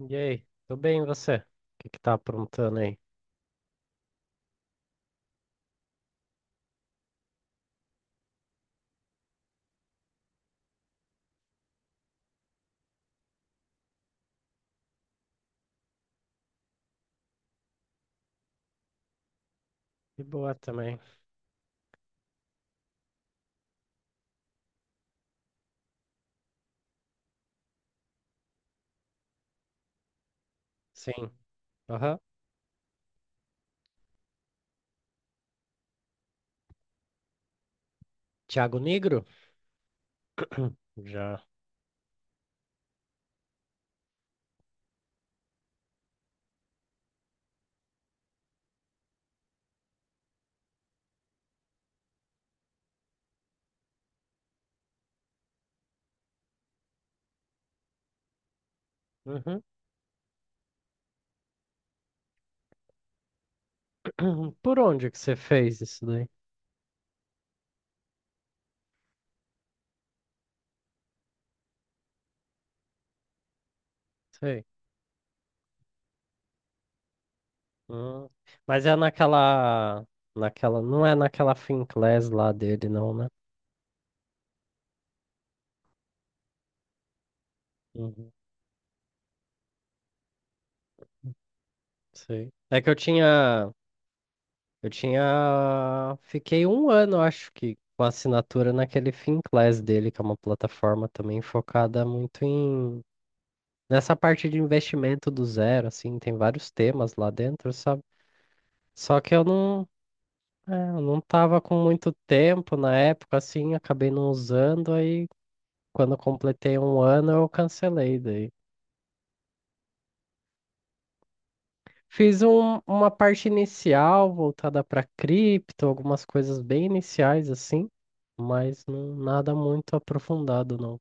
E aí, tudo bem, e você? O que que tá aprontando aí? De boa também. Sim. Aham. Thiago Negro? Já. Uhum. Por onde que você fez isso daí? Sei. Hum. Mas é naquela, não é naquela Finclass lá dele, não, né? Uhum. Sei. É que eu tinha, fiquei um ano, acho que, com a assinatura naquele Finclass dele, que é uma plataforma também focada muito em nessa parte de investimento do zero, assim, tem vários temas lá dentro, sabe? Só que eu não tava com muito tempo na época, assim, acabei não usando, aí quando eu completei um ano eu cancelei daí. Fiz uma parte inicial voltada para cripto, algumas coisas bem iniciais, assim, mas não, nada muito aprofundado, não.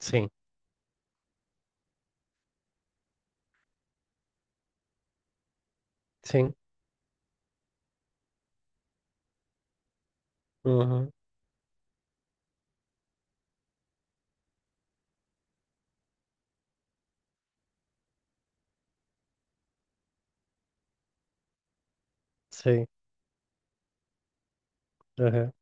Sim, sim, uhum, sim, uhum,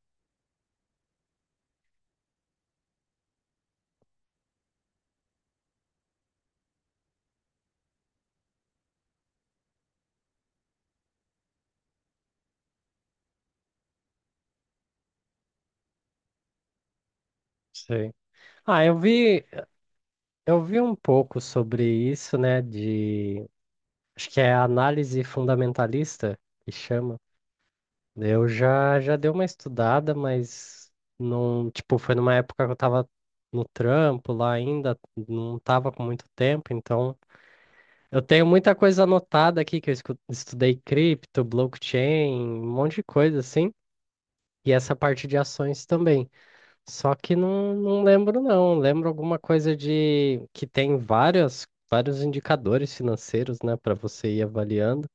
sim. Ah, eu vi, Eu vi um pouco sobre isso, né? De acho que é análise fundamentalista que chama. Eu já já dei uma estudada, mas não, tipo, foi numa época que eu tava no trampo lá ainda, não tava com muito tempo, então eu tenho muita coisa anotada aqui que eu estudei cripto, blockchain, um monte de coisa assim, e essa parte de ações também. Só que não lembro, não. Lembro alguma coisa de que tem várias, vários indicadores financeiros, né, para você ir avaliando,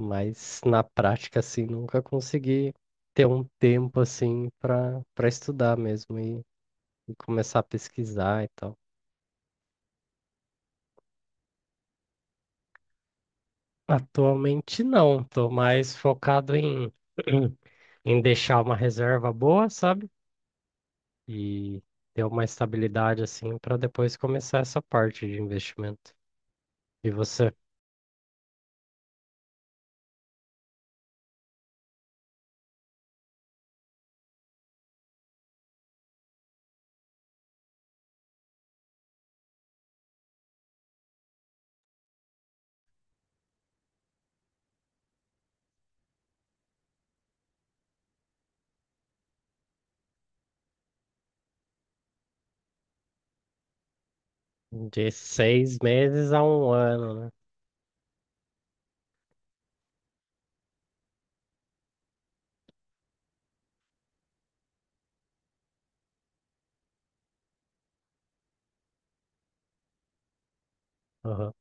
mas na prática, assim, nunca consegui ter um tempo, assim, para estudar mesmo e começar a pesquisar e tal. Atualmente, não. Estou mais focado em, em deixar uma reserva boa, sabe? E ter uma estabilidade, assim, para depois começar essa parte de investimento. E você? De seis meses a um ano, né? Aham.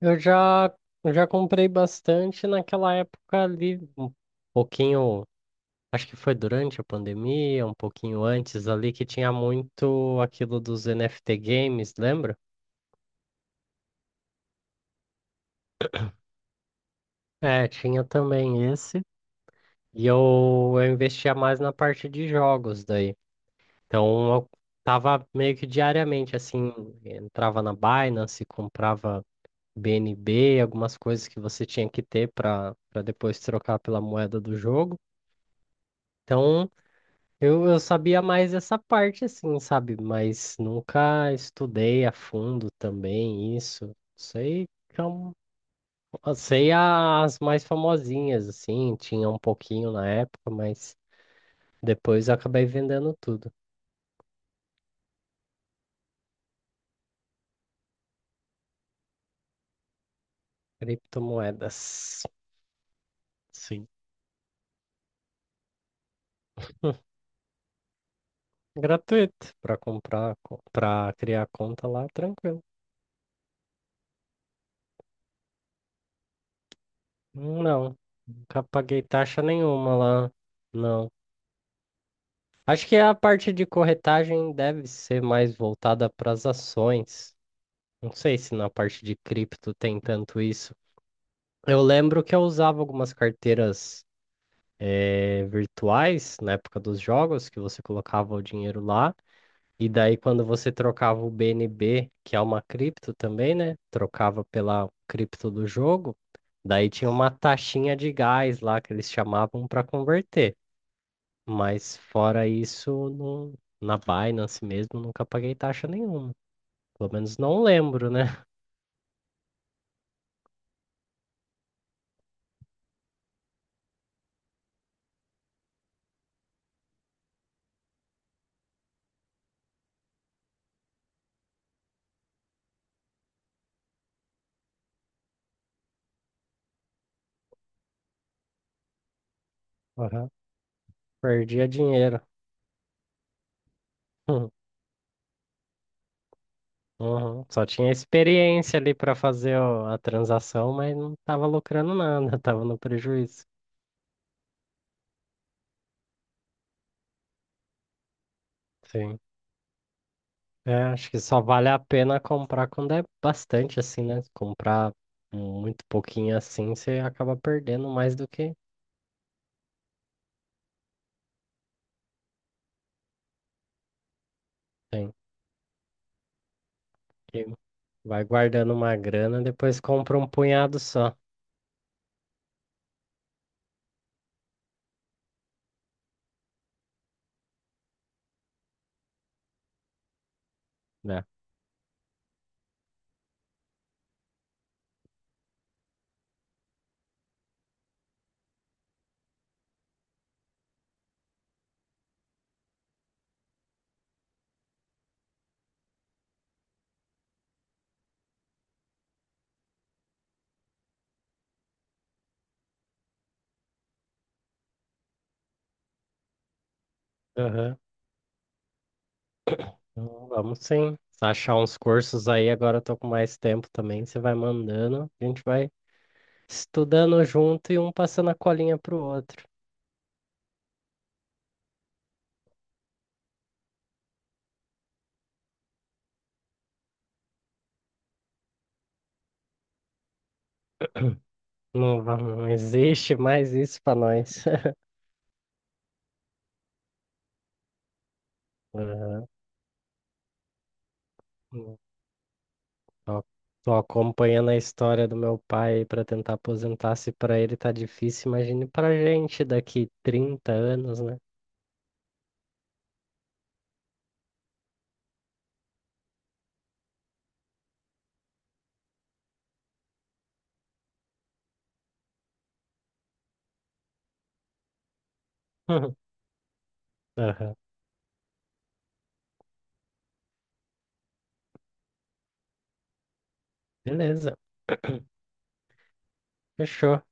Eu já, eu já comprei bastante naquela época ali, um pouquinho, acho que foi durante a pandemia, um pouquinho antes ali, que tinha muito aquilo dos NFT games, lembra? É, tinha também esse. E eu investia mais na parte de jogos daí. Então eu tava meio que diariamente, assim, entrava na Binance, comprava BNB, algumas coisas que você tinha que ter para depois trocar pela moeda do jogo. Então, eu sabia mais essa parte, assim, sabe? Mas nunca estudei a fundo também isso. Sei, que é eu sei as mais famosinhas, assim, tinha um pouquinho na época, mas depois eu acabei vendendo tudo. Criptomoedas. Sim. Gratuito, para comprar, para criar conta lá, tranquilo. Não, nunca paguei taxa nenhuma lá, não. Acho que a parte de corretagem deve ser mais voltada para as ações. Não sei se na parte de cripto tem tanto isso. Eu lembro que eu usava algumas carteiras virtuais na época dos jogos, que você colocava o dinheiro lá. E daí, quando você trocava o BNB, que é uma cripto também, né? Trocava pela cripto do jogo, daí tinha uma taxinha de gás lá que eles chamavam para converter. Mas fora isso, na Binance mesmo, nunca paguei taxa nenhuma. Pelo menos não lembro, né? Aham. Perdia dinheiro. Uhum. Só tinha experiência ali para fazer a transação, mas não estava lucrando nada, estava no prejuízo. Sim. É, acho que só vale a pena comprar quando é bastante assim, né? Se comprar muito pouquinho assim, você acaba perdendo mais do que tem. E vai guardando uma grana, depois compra um punhado só, né? Aham. Então, vamos sim. Se achar uns cursos aí, agora eu tô com mais tempo também, você vai mandando, a gente vai estudando junto e um passando a colinha pro outro. Não, não existe mais isso pra nós. Aham. Tô, tô acompanhando a história do meu pai para tentar aposentar. Se para ele tá difícil, imagine pra gente daqui 30 anos, né? Aham. Beleza, fechou.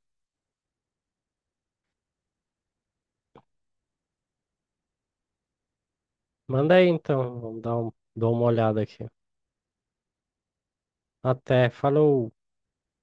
Manda aí então, vamos dar um, dou uma olhada aqui. Até, falou!